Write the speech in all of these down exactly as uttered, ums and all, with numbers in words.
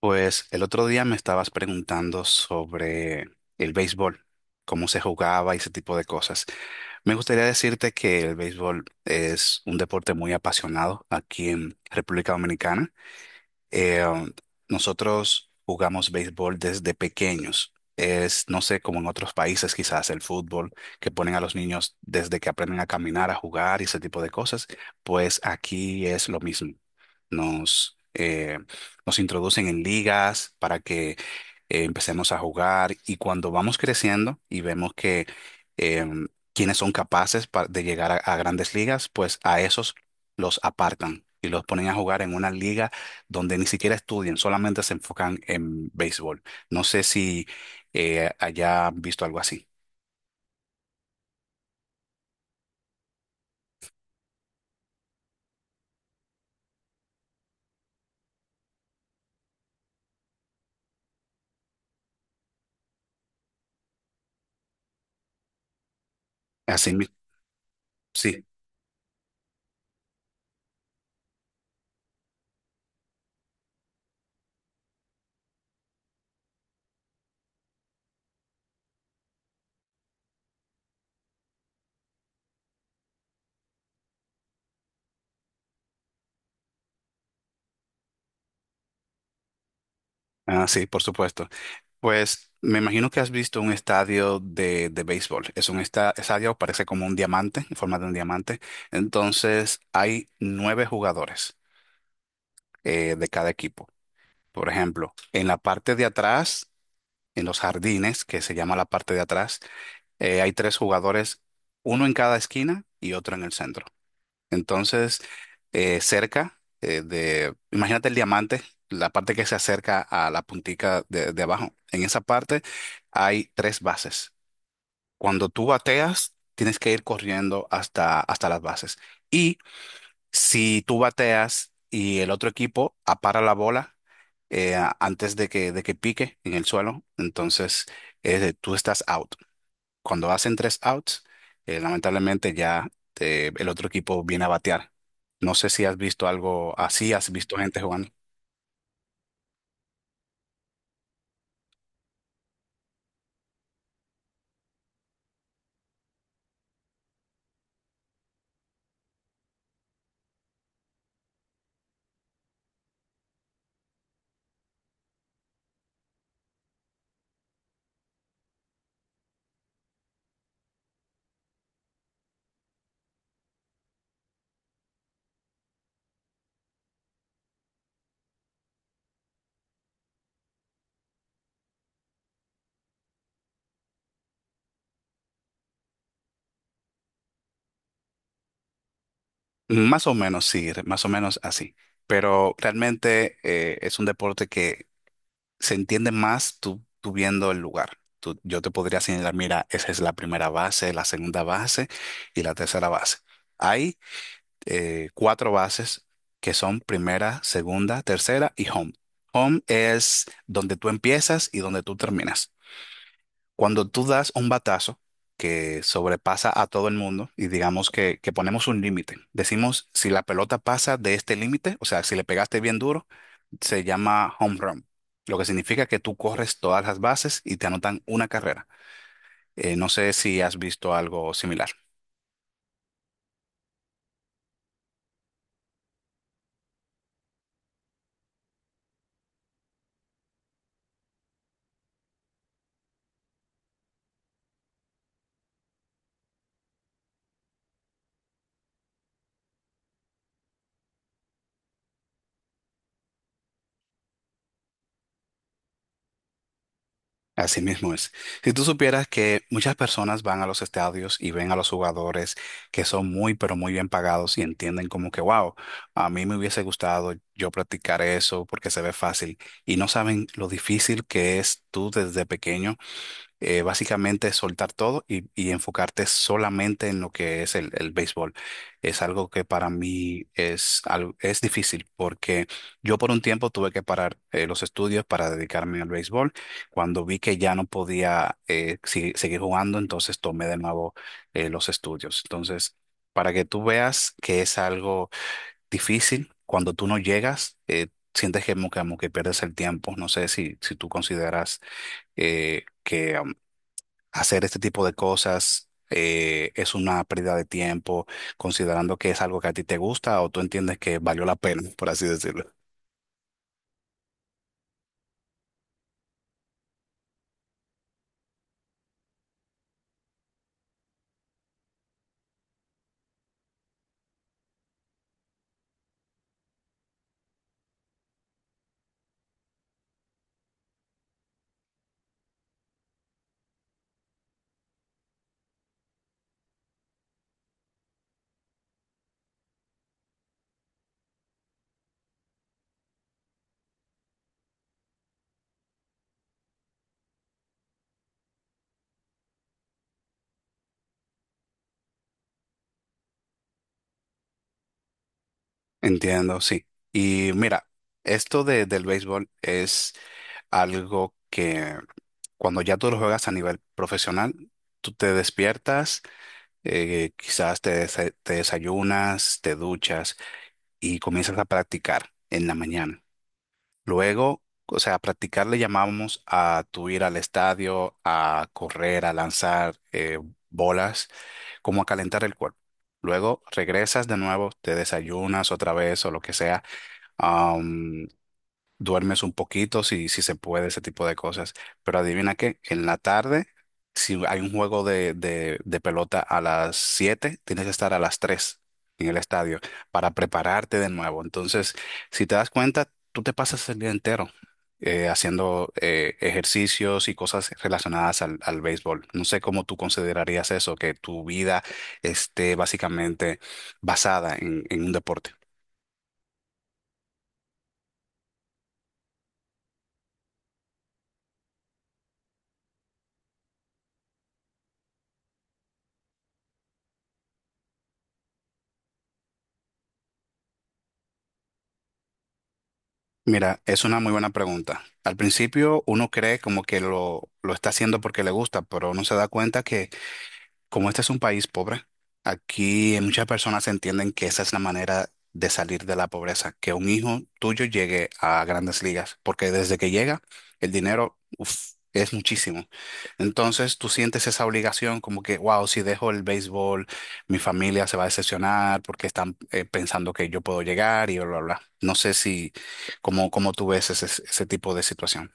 Pues el otro día me estabas preguntando sobre el béisbol, cómo se jugaba y ese tipo de cosas. Me gustaría decirte que el béisbol es un deporte muy apasionado aquí en República Dominicana. Eh, um, Nosotros jugamos béisbol desde pequeños. Es, no sé, como en otros países quizás el fútbol, que ponen a los niños desde que aprenden a caminar, a jugar y ese tipo de cosas, pues aquí es lo mismo. Nos, eh, nos introducen en ligas para que eh, empecemos a jugar y cuando vamos creciendo y vemos que em, quienes son capaces pa- de llegar a, a grandes ligas, pues a esos los apartan y los ponen a jugar en una liga donde ni siquiera estudian, solamente se enfocan en béisbol. No sé si eh, haya visto algo así. Así, mi- sí, ah, sí, por supuesto. Pues me imagino que has visto un estadio de, de béisbol. Es un esta- estadio, parece como un diamante, en forma de un diamante. Entonces hay nueve jugadores eh, de cada equipo. Por ejemplo, en la parte de atrás, en los jardines, que se llama la parte de atrás, eh, hay tres jugadores, uno en cada esquina y otro en el centro. Entonces, eh, cerca eh, de, imagínate el diamante, la parte que se acerca a la puntica de, de abajo. En esa parte hay tres bases. Cuando tú bateas, tienes que ir corriendo hasta, hasta las bases. Y si tú bateas y el otro equipo apara la bola eh, a- antes de que, de que, pique en el suelo, entonces eh, tú estás out. Cuando hacen tres outs, eh, lamentablemente ya eh, el otro equipo viene a batear. No sé si has visto algo así, has visto gente jugando. Más o menos, sí, re- más o menos así. Pero realmente eh, es un deporte que se entiende más tú, tú viendo el lugar. Tú- yo te podría señalar, mira, esa es la primera base, la segunda base y la tercera base. Hay eh, cuatro bases que son primera, segunda, tercera y home. Home es donde tú empiezas y donde tú terminas. Cuando tú das un batazo que sobrepasa a todo el mundo y digamos que, que ponemos un límite, decimos si la pelota pasa de este límite, o sea, si le pegaste bien duro, se llama home run, lo que significa que tú corres todas las bases y te anotan una carrera. Eh, no sé si has visto algo similar. Así mismo es. Si tú supieras que muchas personas van a los estadios y ven a los jugadores que son muy, pero muy bien pagados y entienden como que, wow, a mí me hubiese gustado yo practicar eso porque se ve fácil y no saben lo difícil que es tú desde pequeño, eh, básicamente es soltar todo y, y enfocarte solamente en lo que es el, el béisbol. Es algo que para mí es, algo- es difícil porque yo por un tiempo tuve que parar eh, los estudios para dedicarme al béisbol. Cuando vi que ya no podía eh, si- seguir jugando, entonces tomé de nuevo eh, los estudios. Entonces, para que tú veas que es algo difícil, cuando tú no llegas, eh, sientes que como, como que pierdes el tiempo. No sé si, si tú consideras eh, que hacer este tipo de cosas eh, es una pérdida de tiempo, considerando que es algo que a ti te gusta o tú entiendes que valió la pena, por así decirlo. Entiendo, sí. Y mira, esto de, del béisbol es algo que cuando ya tú lo juegas a nivel profesional, tú te despiertas, eh, quizás te, desa- te desayunas, te duchas y comienzas a practicar en la mañana. Luego, o sea, practicar le llamamos a tu ir al estadio, a correr, a lanzar eh, bolas, como a calentar el cuerpo. Luego regresas de nuevo, te desayunas otra vez o lo que sea, duermes un poquito, si, si se puede, ese tipo de cosas. Pero adivina qué, en la tarde, si hay un juego de, de, de pelota a las siete tienes que estar a las tres en el estadio para prepararte de nuevo. Entonces, si te das cuenta, tú te pasas el día entero eh, haciendo eh, ejercicios y cosas relacionadas al, al béisbol. No sé cómo tú considerarías eso, que tu vida esté básicamente basada en, en un deporte. Mira, es una muy buena pregunta. Al principio uno cree como que lo, lo está haciendo porque le gusta, pero uno se da cuenta que como este es un país pobre, aquí muchas personas entienden que esa es la manera de salir de la pobreza, que un hijo tuyo llegue a grandes ligas, porque desde que llega, el dinero, uf, es muchísimo. Entonces tú sientes esa obligación como que, wow, si dejo el béisbol, mi familia se va a decepcionar porque están eh, pensando que yo puedo llegar y bla, bla, bla. No sé si, cómo, cómo tú ves ese, ese tipo de situación.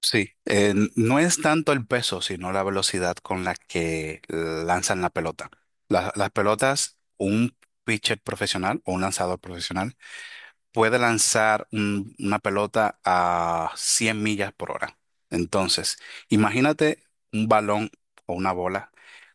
Sí, eh, n- no es tanto el peso, sino la velocidad con la que lanzan la pelota. La- las pelotas, un pitcher profesional o un lanzador profesional puede lanzar un- una pelota a cien millas por hora. Entonces, imagínate un balón o una bola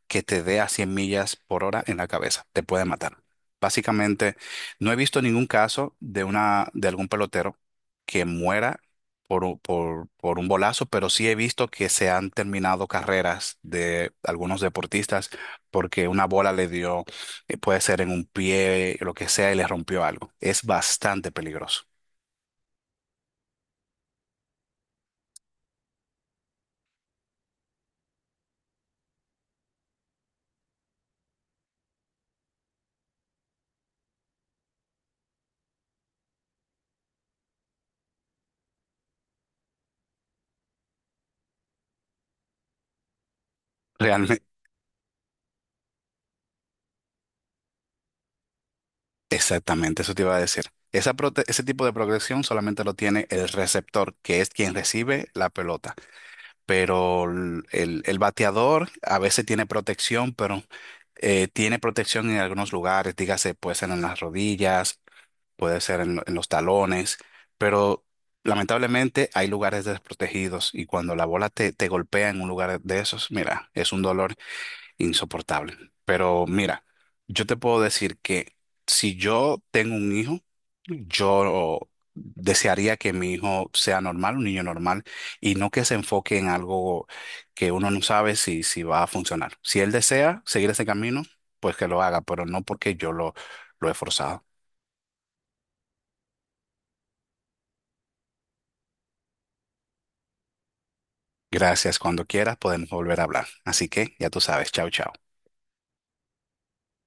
que te dé a cien millas por hora en la cabeza, te puede matar. Básicamente, no he visto ningún caso de una, de algún pelotero que muera por, u- por, por un bolazo, pero sí he visto que se han terminado carreras de algunos deportistas porque una bola le dio, eh, puede ser en un pie, lo que sea, y le rompió algo. Es bastante peligroso. Realmente, exactamente, eso te iba a decir. Esa prote- ese tipo de progresión solamente lo tiene el receptor, que es quien recibe la pelota. Pero l- el, el bateador a veces tiene protección, pero eh, tiene protección en algunos lugares, dígase, puede ser en las rodillas, puede ser en, en los talones, pero lamentablemente hay lugares desprotegidos y cuando la bola te, te golpea en un lugar de esos, mira, es un dolor insoportable. Pero mira, yo te puedo decir que si yo tengo un hijo, yo desearía que mi hijo sea normal, un niño normal, y no que se enfoque en algo que uno no sabe si, si va a funcionar. Si él desea seguir ese camino, pues que lo haga, pero no porque yo lo, lo he forzado. Gracias. Cuando quieras podemos volver a hablar. Así que ya tú sabes. Chao, chao.